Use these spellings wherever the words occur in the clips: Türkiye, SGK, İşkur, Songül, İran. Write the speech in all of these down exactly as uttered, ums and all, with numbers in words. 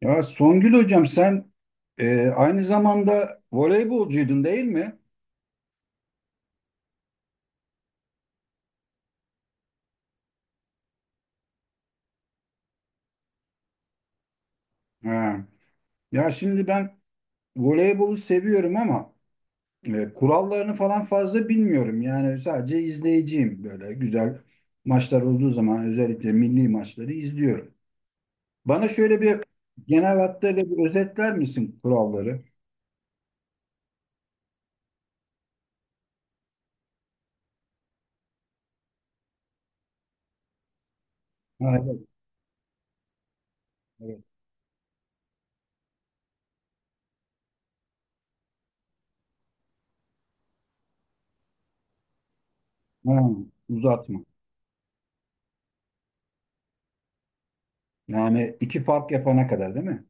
Ya Songül hocam sen e, aynı zamanda voleybolcuydun değil mi? Ha. Ya şimdi ben voleybolu seviyorum ama e, kurallarını falan fazla bilmiyorum. Yani sadece izleyiciyim böyle güzel maçlar olduğu zaman özellikle milli maçları izliyorum. Bana şöyle bir genel hatlarıyla bir özetler misin kuralları? Ha, evet, evet. Ha, uzatma. Yani iki fark yapana kadar değil mi?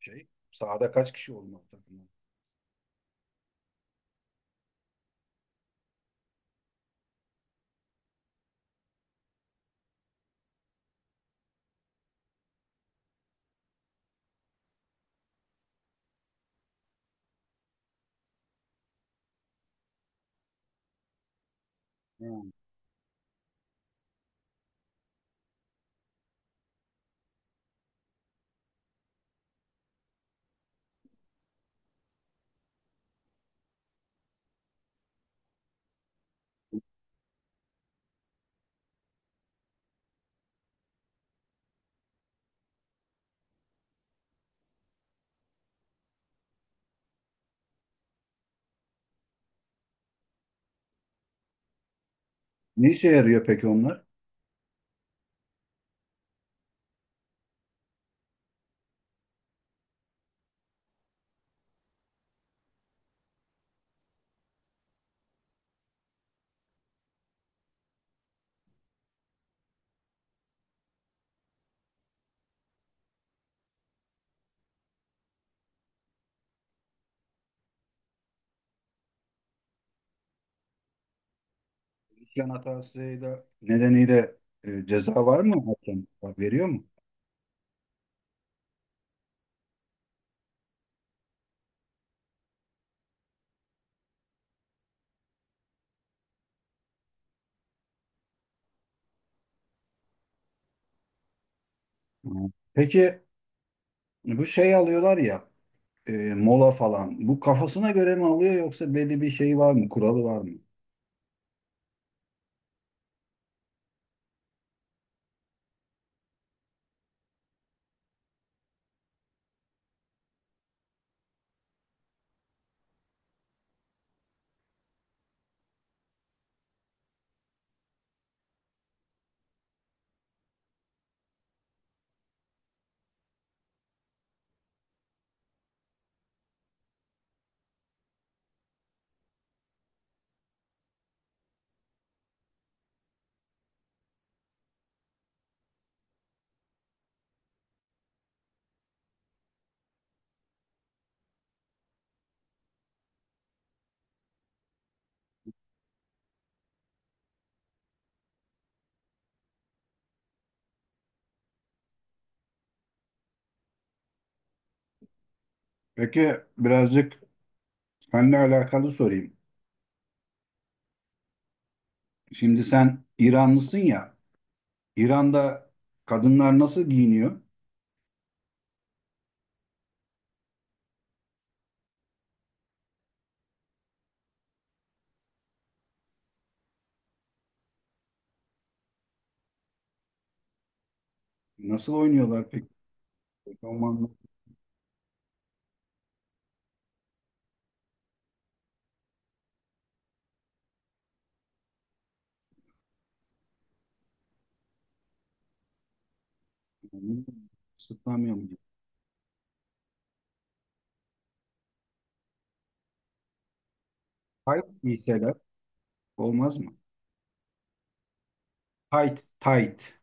Şey, sahada kaç kişi olmalı takımda? Ne işe yarıyor peki onlar? İsyan hatasıyla nedeniyle e, ceza var mı? Hakem veriyor mu? Hı. Peki bu şey alıyorlar ya e, mola falan. Bu kafasına göre mi alıyor yoksa belli bir şey var mı? Kuralı var mı? Peki birazcık seninle alakalı sorayım. Şimdi sen İranlısın ya. İran'da kadınlar nasıl giyiniyor? Nasıl oynuyorlar peki? Romanlar, ısıtlamıyor mu? Tight giyseler olmaz mı? Tight, tight.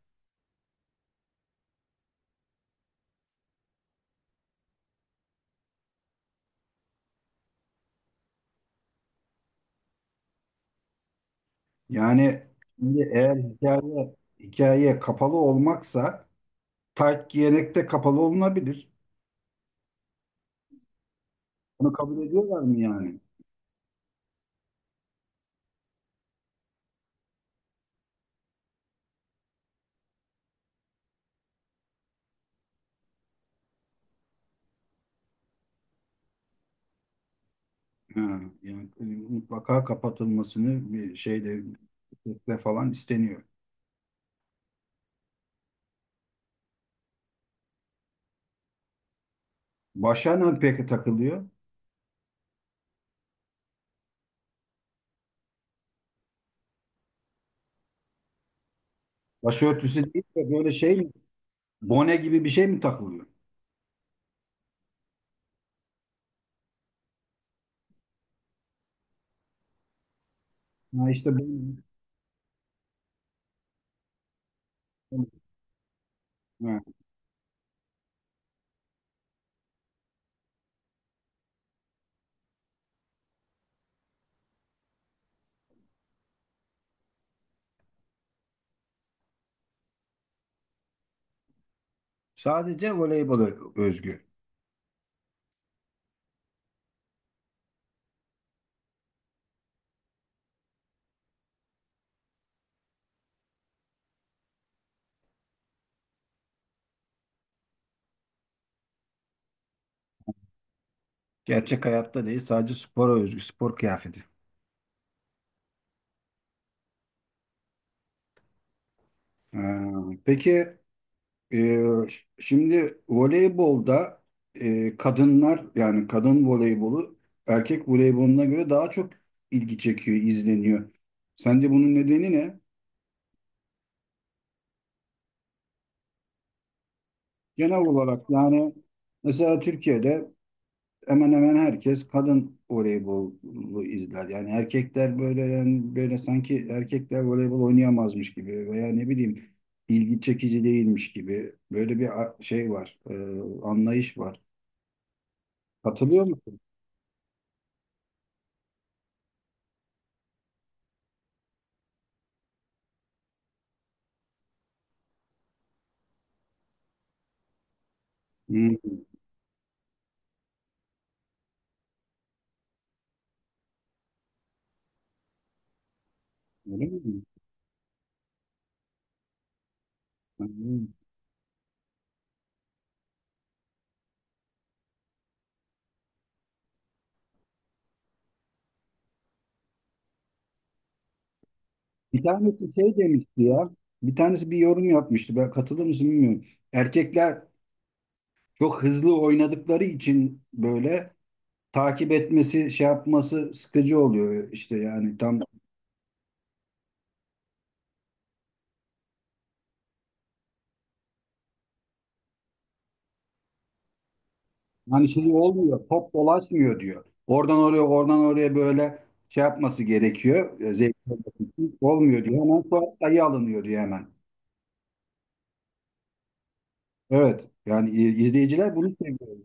Yani şimdi eğer hikaye hikaye kapalı olmaksa tayt giyerek de kapalı olunabilir. Bunu kabul ediyorlar mı yani? Ha, yani e, mutlaka kapatılmasını bir şeyde de falan isteniyor. Başa ne peki takılıyor? Başörtüsü değil de böyle şey mi? Bone gibi bir şey mi takılıyor? Ha işte bu- ha. Sadece voleybola özgü. Gerçek hayatta değil, sadece spora özgü spor kıyafeti. Ha, peki. Ee, Şimdi voleybolda e, kadınlar yani kadın voleybolu erkek voleyboluna göre daha çok ilgi çekiyor, izleniyor. Sence bunun nedeni ne? Genel olarak yani mesela Türkiye'de hemen hemen herkes kadın voleybolu izler. Yani erkekler böyle yani böyle sanki erkekler voleybol oynayamazmış gibi veya ne bileyim ilgi çekici değilmiş gibi böyle bir a- şey var, e, anlayış var. Katılıyor musun? Hı. Öyle mi? Hı. Bir tanesi şey demişti ya. Bir tanesi bir yorum yapmıştı. Ben katılır mısın bilmiyorum. Erkekler çok hızlı oynadıkları için böyle takip etmesi, şey yapması sıkıcı oluyor işte yani tam hani şey olmuyor. Top dolaşmıyor diyor. Oradan oraya, oradan oraya böyle şey yapması gerekiyor. e, Zevkli olması için olmuyor diyor. Hemen sonra dayı alınıyor diyor hemen. Evet. Yani e, izleyiciler bunu seviyor.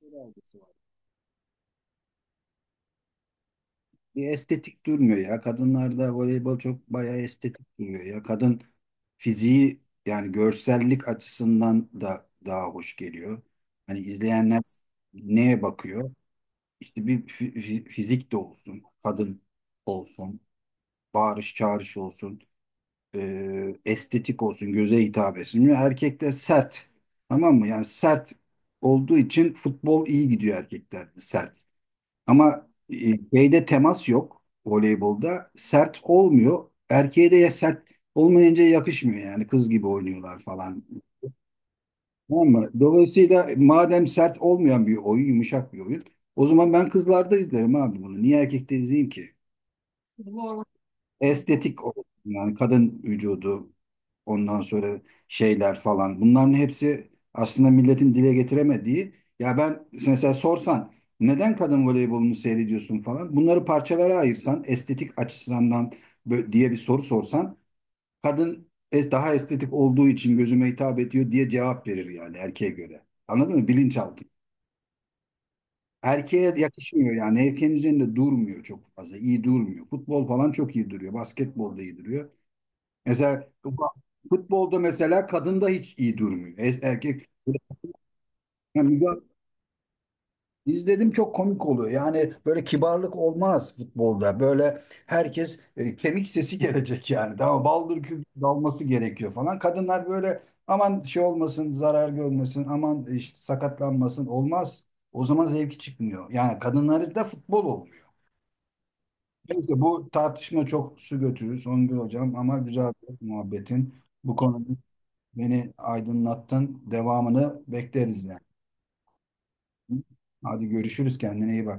Hı. Bir estetik durmuyor ya. Kadınlarda voleybol çok bayağı estetik duruyor ya. Kadın fiziği yani görsellik açısından da daha hoş geliyor. Hani izleyenler neye bakıyor? İşte bir fi- fi- fizik de olsun, kadın olsun, bağırış çağırış olsun, e, estetik olsun, göze hitap etsin. Erkekler sert, tamam mı? Yani sert olduğu için futbol iyi gidiyor erkeklerde sert. Ama e, şeyde temas yok voleybolda. Sert olmuyor. Erkeğe de ya sert olmayınca yakışmıyor yani kız gibi oynuyorlar falan. Tamam mı? Dolayısıyla madem sert olmayan bir oyun, yumuşak bir oyun, o zaman ben kızlarda izlerim abi bunu. Niye erkekte izleyeyim ki? Estetik olsun yani kadın vücudu, ondan sonra şeyler falan, bunların hepsi aslında milletin dile getiremediği, ya ben mesela sorsan neden kadın voleybolunu seyrediyorsun falan, bunları parçalara ayırsan estetik açısından bö- diye bir soru sorsan kadın es- daha estetik olduğu için gözüme hitap ediyor diye cevap verir yani erkeğe göre, anladın mı, bilinçaltı. Erkeğe yakışmıyor yani erkeğin üzerinde durmuyor çok fazla, iyi durmuyor, futbol falan çok iyi duruyor, basketbol da iyi duruyor. Mesela futbolda mesela kadın da hiç iyi durmuyor. E- Erkek yani müga- izledim, çok komik oluyor. Yani böyle kibarlık olmaz futbolda. Böyle herkes e, kemik sesi gelecek yani. Daha baldır küp dalması gerekiyor falan. Kadınlar böyle aman şey olmasın, zarar görmesin, aman işte sakatlanmasın, olmaz. O zaman zevki çıkmıyor. Yani kadınlarda da futbol olmuyor. Neyse bu tartışma çok su götürür Songül Hocam ama güzel bir muhabbetin. Bu konuda beni aydınlattın. Devamını bekleriz yani. Hadi görüşürüz. Kendine iyi bak.